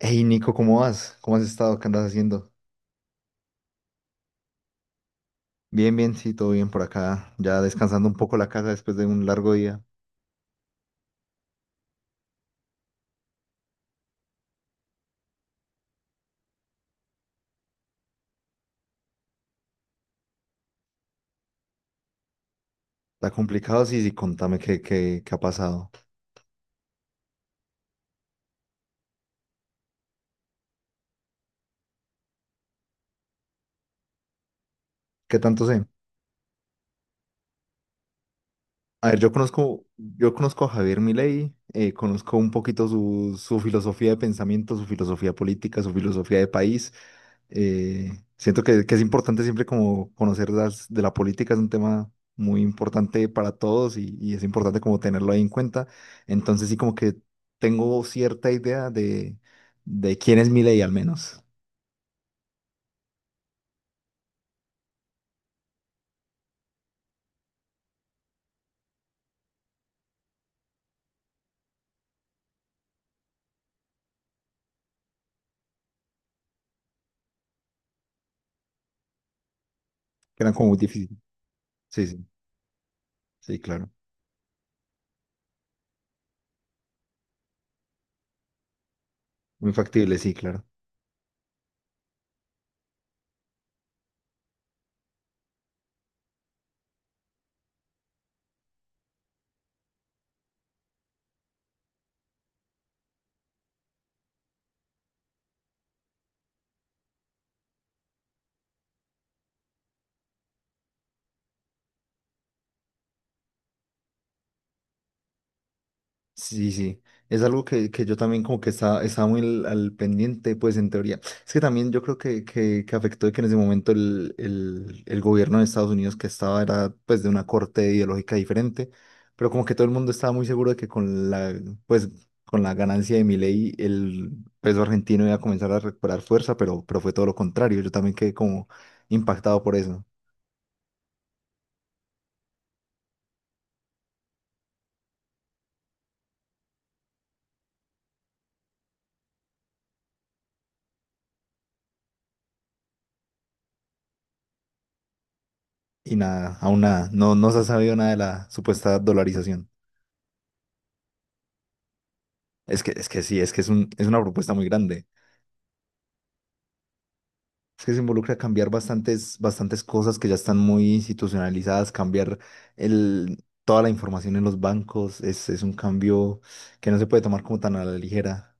Hey Nico, ¿cómo vas? ¿Cómo has estado? ¿Qué andas haciendo? Bien, bien, sí, todo bien por acá. Ya descansando un poco la casa después de un largo día. Está complicado, sí, sí, contame qué ha pasado. ¿Qué tanto sé? A ver, yo conozco a Javier Milei, conozco un poquito su filosofía de pensamiento, su filosofía política, su filosofía de país. Eh, siento que es importante siempre como conocer las, de la política, es un tema muy importante para todos y es importante como tenerlo ahí en cuenta. Entonces sí como que tengo cierta idea de quién es Milei al menos, que era como muy difícil. Sí, sí, sí, claro. Muy factible, sí, claro. Sí, sí, es algo que yo también como que estaba muy al pendiente, pues en teoría. Es que también yo creo que afectó de que en ese momento el gobierno de Estados Unidos que estaba era pues de una corte ideológica diferente, pero como que todo el mundo estaba muy seguro de que con pues, con la ganancia de Milei el peso argentino iba a comenzar a recuperar fuerza, pero fue todo lo contrario. Yo también quedé como impactado por eso. Y nada, aún nada, no, no se ha sabido nada de la supuesta dolarización. Es que sí, es que es una propuesta muy grande. Es que se involucra cambiar bastantes cosas que ya están muy institucionalizadas, cambiar toda la información en los bancos. Es un cambio que no se puede tomar como tan a la ligera.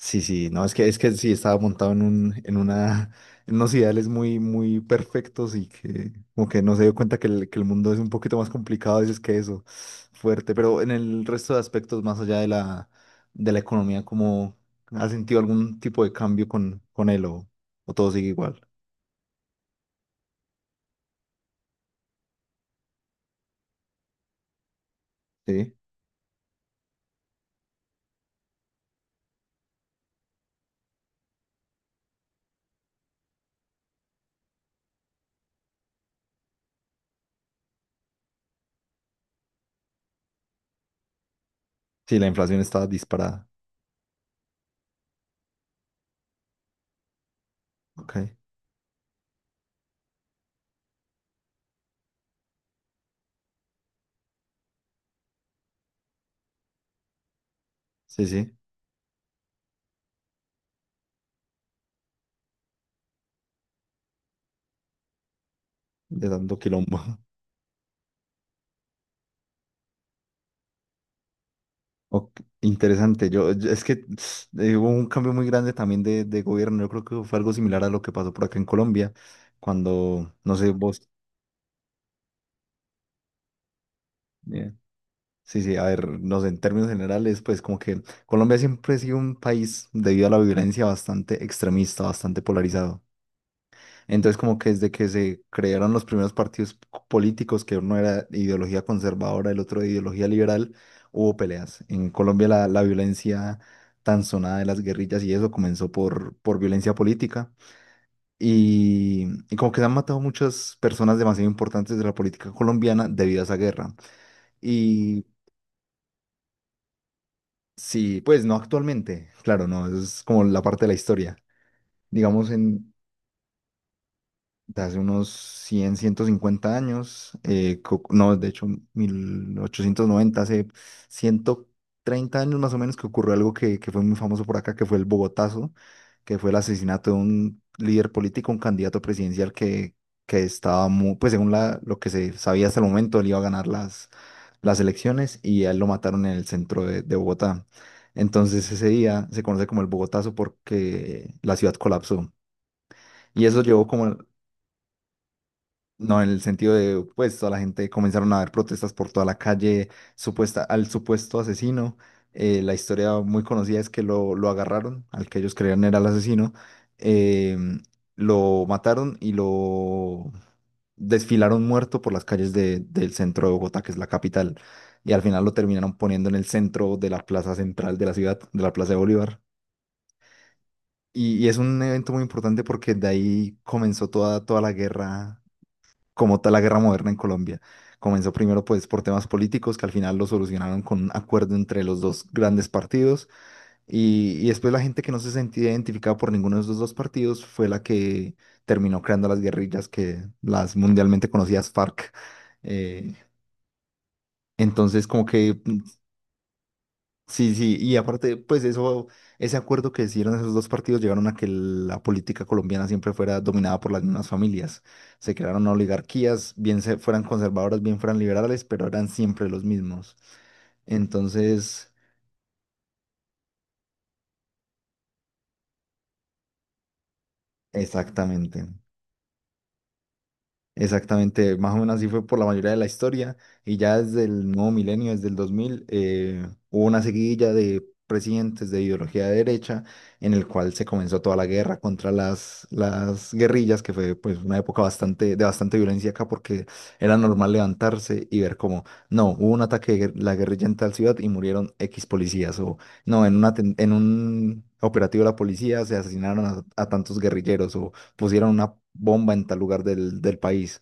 Sí, sí, no, es que sí estaba montado en un, en una, en unos ideales muy perfectos y que como que no se dio cuenta que el mundo es un poquito más complicado a veces que eso, fuerte, pero en el resto de aspectos más allá de de la economía, ¿cómo has sentido algún tipo de cambio con él o todo sigue igual? Sí, sí, la inflación está disparada, ok, sí, sí, de dando quilombo. Ok, interesante. Es que hubo un cambio muy grande también de gobierno. Yo creo que fue algo similar a lo que pasó por acá en Colombia, cuando, no sé, vos, eh, sí, sí, a ver, no sé, en términos generales, pues como que Colombia siempre ha sido un país debido a la violencia bastante extremista, bastante polarizado. Entonces, como que desde que se crearon los primeros partidos políticos, que uno era de ideología conservadora, el otro de ideología liberal, hubo peleas. En Colombia la violencia tan sonada de las guerrillas y eso comenzó por violencia política. Y como que se han matado muchas personas demasiado importantes de la política colombiana debido a esa guerra. Y sí, pues no actualmente, claro, no, eso es como la parte de la historia. Digamos, de hace unos 150 años, no, de hecho 1890 hace 130 años más o menos que ocurrió algo que fue muy famoso por acá, que fue el Bogotazo, que fue el asesinato de un líder político, un candidato presidencial que estaba muy, pues según lo que se sabía hasta el momento, él iba a ganar las elecciones y a él lo mataron en el centro de Bogotá. Entonces ese día se conoce como el Bogotazo porque la ciudad colapsó. Y eso llevó como no, en el sentido de, pues, toda la gente comenzaron a ver protestas por toda la calle supuesta, al supuesto asesino. La historia muy conocida es que lo agarraron, al que ellos creían era el asesino. em, lo mataron y lo desfilaron muerto por las calles del centro de Bogotá, que es la capital. Y al final lo terminaron poniendo en el centro de la plaza central de la ciudad, de la Plaza de Bolívar. Y es un evento muy importante porque de ahí comenzó toda la guerra como tal la guerra moderna en Colombia. Comenzó primero pues por temas políticos que al final lo solucionaron con un acuerdo entre los dos grandes partidos y después la gente que no se sentía identificada por ninguno de esos dos partidos fue la que terminó creando las guerrillas que las mundialmente conocidas FARC. Eh, entonces como que sí, sí, y aparte, pues eso, ese acuerdo que hicieron esos dos partidos llegaron a que la política colombiana siempre fuera dominada por las mismas familias. Se crearon oligarquías, bien fueran conservadoras, bien fueran liberales, pero eran siempre los mismos. Entonces, exactamente. Exactamente, más o menos así fue por la mayoría de la historia y ya desde el nuevo milenio, desde el 2000, hubo una seguidilla de presidentes de ideología de derecha en el cual se comenzó toda la guerra contra las guerrillas, que fue pues una época bastante, de bastante violencia acá porque era normal levantarse y ver como, no, hubo un ataque de la guerrilla en tal ciudad y murieron X policías o no, en un operativo de la policía se asesinaron a tantos guerrilleros pusieran una bomba en tal lugar del país.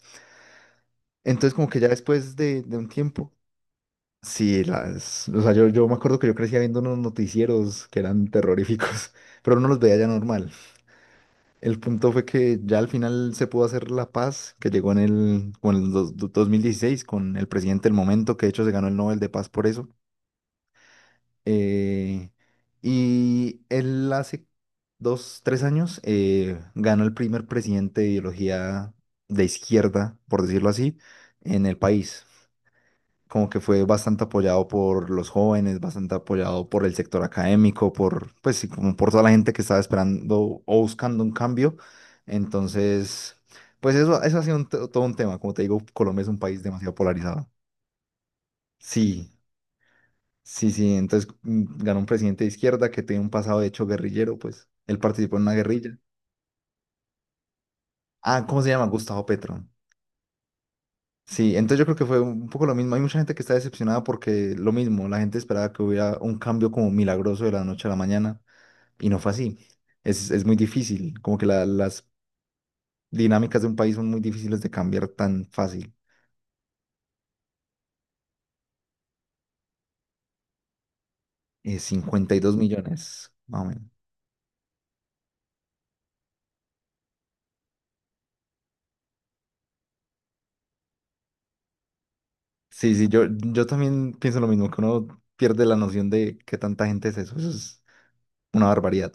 Entonces, como que ya después de un tiempo, sí, o sea, yo me acuerdo que yo crecía viendo unos noticieros que eran terroríficos, pero no los veía ya normal. El punto fue que ya al final se pudo hacer la paz que llegó con el 2016 con el presidente del momento, que de hecho se ganó el Nobel de Paz por eso. Eh, y él hace dos, tres años ganó el primer presidente de ideología de izquierda, por decirlo así, en el país. Como que fue bastante apoyado por los jóvenes, bastante apoyado por el sector académico, por, pues sí, como por toda la gente que estaba esperando o buscando un cambio. Entonces, pues eso ha sido todo un tema. Como te digo, Colombia es un país demasiado polarizado. Sí. Sí, sí, entonces ganó un presidente de izquierda que tenía un pasado de hecho guerrillero, pues él participó en una guerrilla. Ah, ¿cómo se llama? Gustavo Petro. Sí, entonces yo creo que fue un poco lo mismo. Hay mucha gente que está decepcionada porque lo mismo, la gente esperaba que hubiera un cambio como milagroso de la noche a la mañana y no fue así. Es muy difícil, como que las dinámicas de un país son muy difíciles de cambiar tan fácil. 52 millones, más o menos. Sí, sí, yo también pienso lo mismo, que uno pierde la noción de qué tanta gente es eso. Eso es una barbaridad.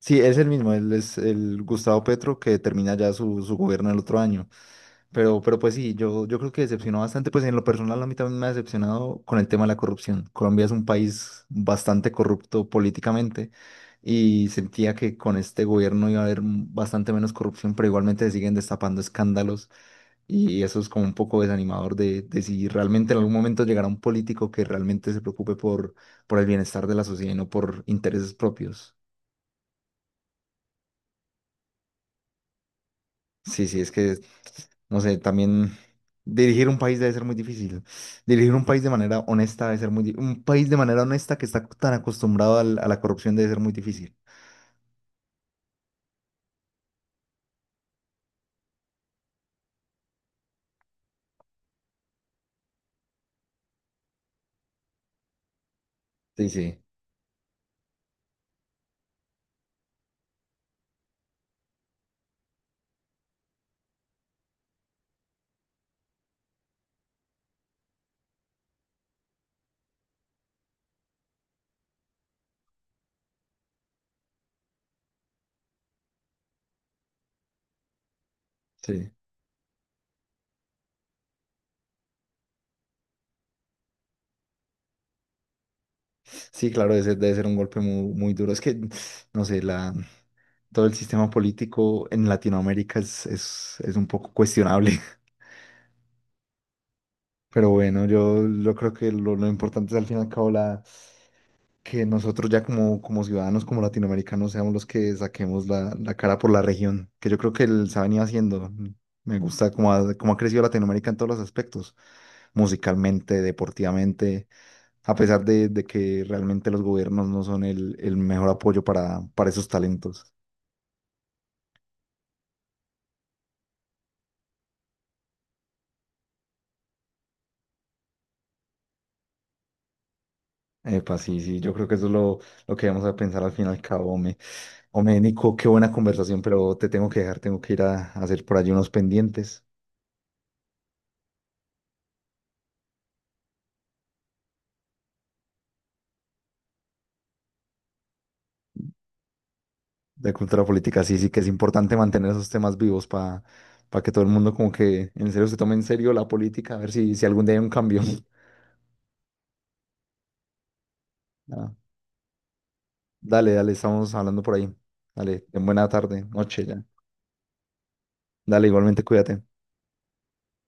Sí, es el mismo, él es el Gustavo Petro que termina ya su gobierno el otro año. Pero pues sí, yo creo que decepcionó bastante, pues en lo personal a mí también me ha decepcionado con el tema de la corrupción. Colombia es un país bastante corrupto políticamente y sentía que con este gobierno iba a haber bastante menos corrupción, pero igualmente se siguen destapando escándalos y eso es como un poco desanimador de si realmente en algún momento llegará un político que realmente se preocupe por el bienestar de la sociedad y no por intereses propios. Sí, sí, es que, no sé, también dirigir un país debe ser muy difícil. Dirigir un país de manera honesta debe ser muy difícil. Un país de manera honesta que está tan acostumbrado a la corrupción debe ser muy difícil. Sí, sí, sí. Sí, claro, ese debe ser un golpe muy, muy duro. Es que, no sé, todo el sistema político en Latinoamérica es un poco cuestionable. Pero bueno, yo creo que lo importante es al fin y al cabo que nosotros ya como ciudadanos, como latinoamericanos, seamos los que saquemos la cara por la región, que yo creo que él se ha venido haciendo. Me gusta cómo ha crecido Latinoamérica en todos los aspectos, musicalmente, deportivamente, a pesar de que realmente los gobiernos no son el mejor apoyo para esos talentos. Epa, sí, sí, yo creo que eso es lo que vamos a pensar al fin y al cabo, hombre. Hombre, Nico, qué buena conversación, pero te tengo que dejar, tengo que ir a hacer por allí unos pendientes. De cultura política, sí, sí que es importante mantener esos temas vivos para que todo el mundo como que en serio se tome en serio la política, a ver si algún día hay un cambio. Ah, dale, dale, estamos hablando por ahí. Dale, ten buena tarde, noche ya. Dale, igualmente cuídate.